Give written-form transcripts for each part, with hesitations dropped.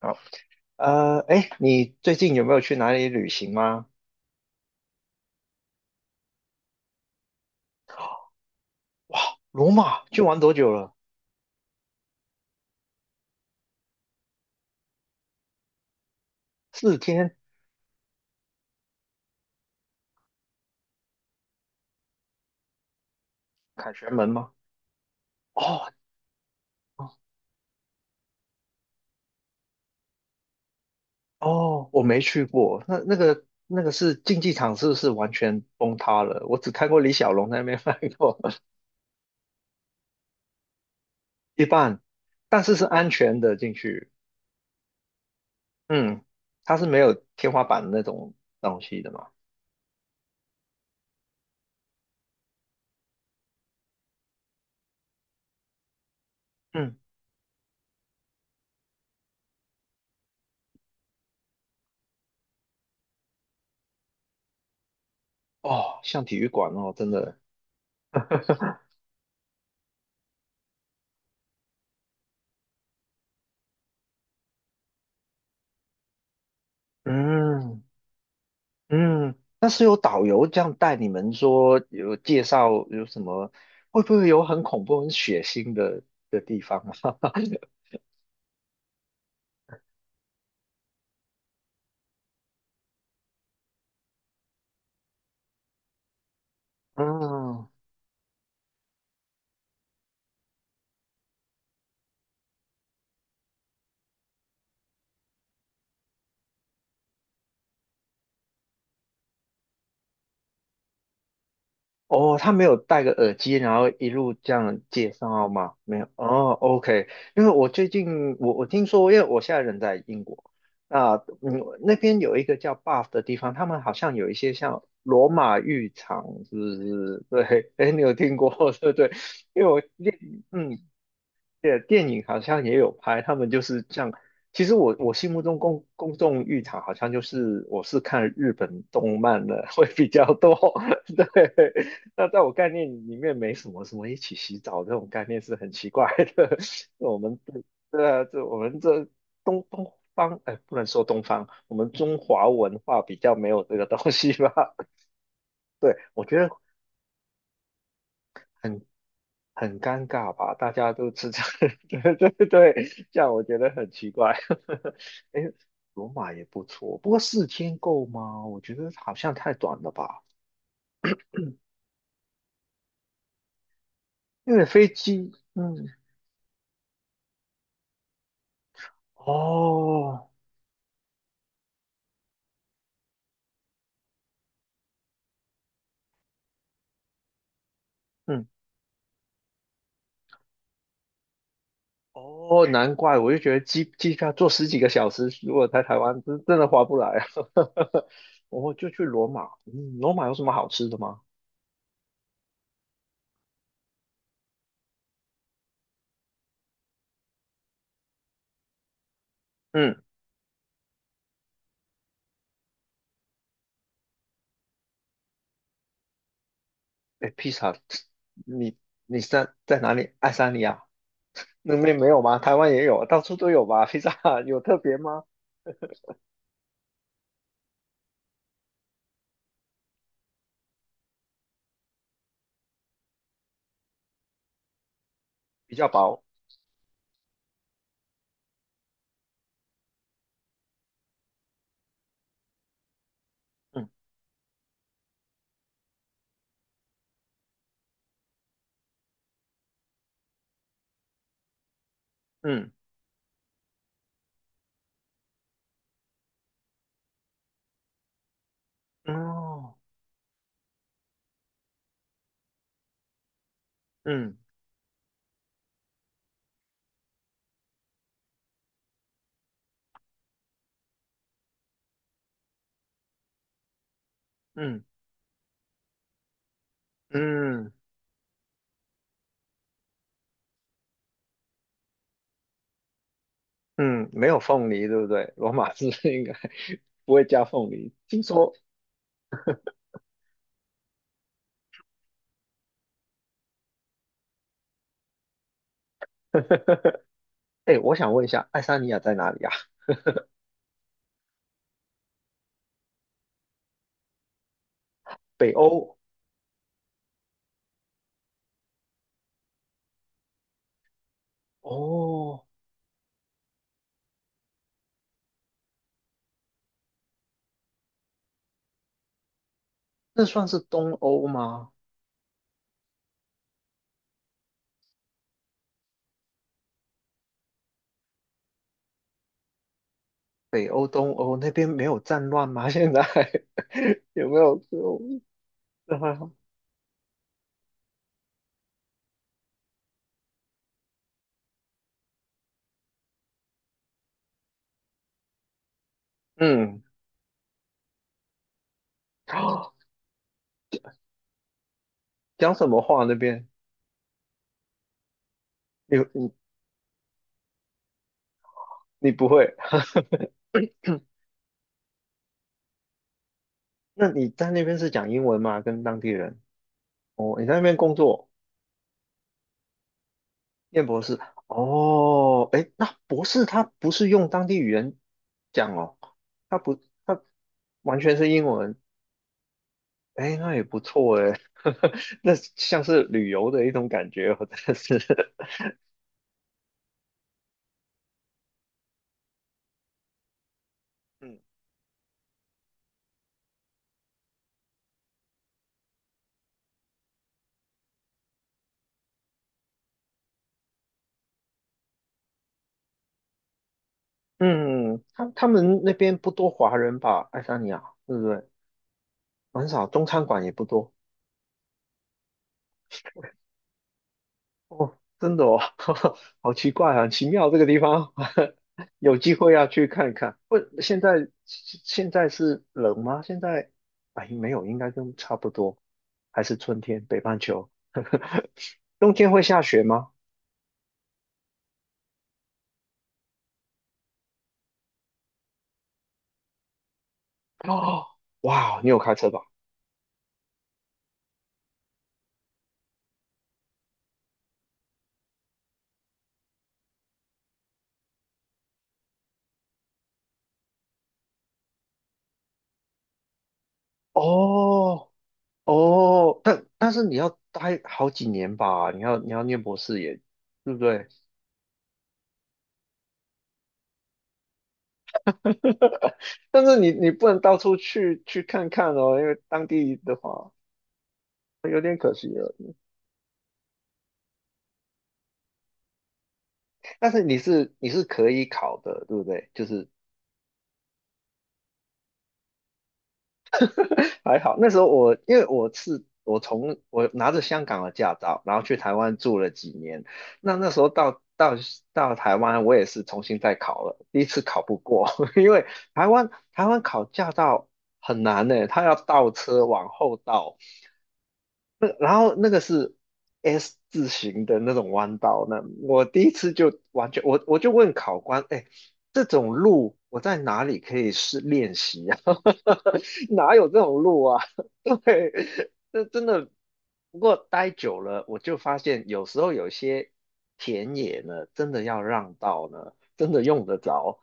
好，哎，你最近有没有去哪里旅行吗？哇，罗马去玩多久了？四天？凯旋门吗？哦哦，我没去过。那个是竞技场，是不是完全崩塌了？我只看过李小龙在那边翻过 一半，但是是安全的进去。嗯，它是没有天花板那种东西的嘛。嗯，哦，像体育馆哦，真的。嗯，嗯，那是有导游这样带你们说，有介绍有什么，会不会有很恐怖、很血腥的地方啊？嗯，哦，他没有戴个耳机，然后一路这样介绍吗？没有，哦，OK，因为我最近我听说，因为我现在人在英国，啊，嗯，那边有一个叫 BUFF 的地方，他们好像有一些像罗马浴场，是不是？对，哎，你有听过？对对，因为我，嗯，对，电影好像也有拍，他们就是这样。其实我心目中公众浴场好像就是我是看日本动漫的 会比较多，对。那在我概念里面没什么一起洗澡这种概念是很奇怪的。我们对对啊，我们这东方哎，不能说东方，我们中华文化比较没有这个东西吧？对，我觉得。很。很尴尬吧？大家都吃这，对对对，这样我觉得很奇怪。哎，罗马也不错，不过四天够吗？我觉得好像太短了吧，因为飞机，嗯，哦，嗯，哦，难怪，我就觉得机票坐十几个小时，如果在台湾真的划不来啊。我就去罗马，嗯，罗马有什么好吃的吗？嗯。哎，披萨，你你是在哪里？爱沙尼亚那边没有吗？台湾也有，到处都有吧？披萨 有特别吗？比较薄。嗯嗯哦嗯嗯嗯嗯，没有凤梨，对不对？罗马字 应该不会加凤梨。听说，哎，我想问一下，爱沙尼亚在哪里啊？北欧哦，那算是东欧吗？北欧、东欧那边没有战乱吗？现在 有没有？这还好。嗯，哦讲什么话那边？你你你不会？那你在那边是讲英文吗？跟当地人？哦，你在那边工作，念博士？哦，诶，那博士他不是用当地语言讲哦，他不，他完全是英文。诶，那也不错诶，那像是旅游的一种感觉哦，真的是。嗯嗯，他们那边不多华人吧？爱沙尼亚，对不对？很少，中餐馆也不多。哦，真的哦，好奇怪啊，很奇妙这个地方，有机会要去看看。不，现在是冷吗？现在哎，没有，应该跟差不多，还是春天，北半球。冬天会下雪吗？哦，哇，你有开车吧？哦哦，但是你要待好几年吧？你要念博士也，对不对？但是你不能到处去看看哦，因为当地的话。有点可惜了。但是你是可以考的，对不对？就是 还好，那时候我因为我是我从我拿着香港的驾照，然后去台湾住了几年。那时候到台湾，我也是重新再考了，第一次考不过，因为台湾考驾照很难呢，他要倒车往后倒，那然后那个是 S 字形的那种弯道，那我第一次就完全，我就问考官，哎，这种路我在哪里可以试练习啊？哪有这种路啊？对，这真的。不过待久了，我就发现有时候有些田野呢，真的要让道呢，真的用得着。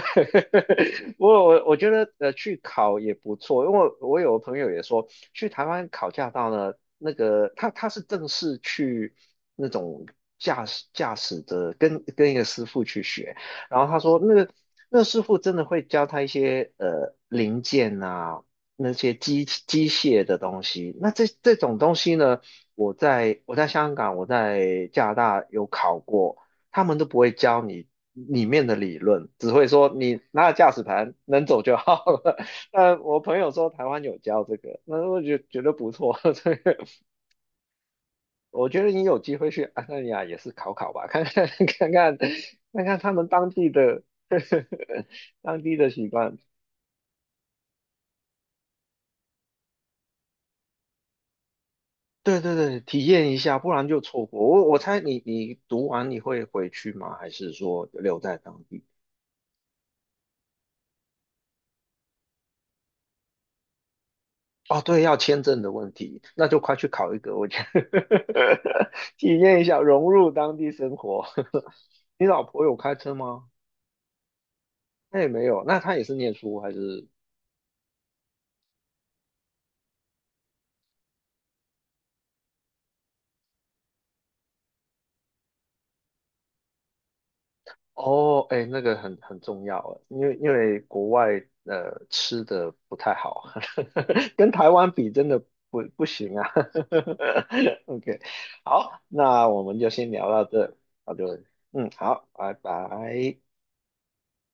我觉得去考也不错，因为我有朋友也说去台湾考驾照呢，那个他是正式去那种驾驶的，跟一个师傅去学，然后他说那个那师傅真的会教他一些零件啊，那些机械的东西，那这种东西呢，我在香港我在加拿大有考过。他们都不会教你里面的理论，只会说你拿了驾驶盘能走就好了。那我朋友说台湾有教这个，那我就觉得不错。这个我觉得你有机会去安那尼亚也是考考吧，看看 看看他们当地的 当地的习惯。对对对，体验一下，不然就错过。我猜你读完你会回去吗？还是说留在当地？哦，对，要签证的问题，那就快去考一个，我觉得 体验一下融入当地生活。你老婆有开车吗？那也没有，那她也是念书还是？哦，哎，那个很重要啊，因为国外吃的不太好，跟台湾比真的不行啊。OK,好，那我们就先聊到这，好的，嗯，好，拜拜。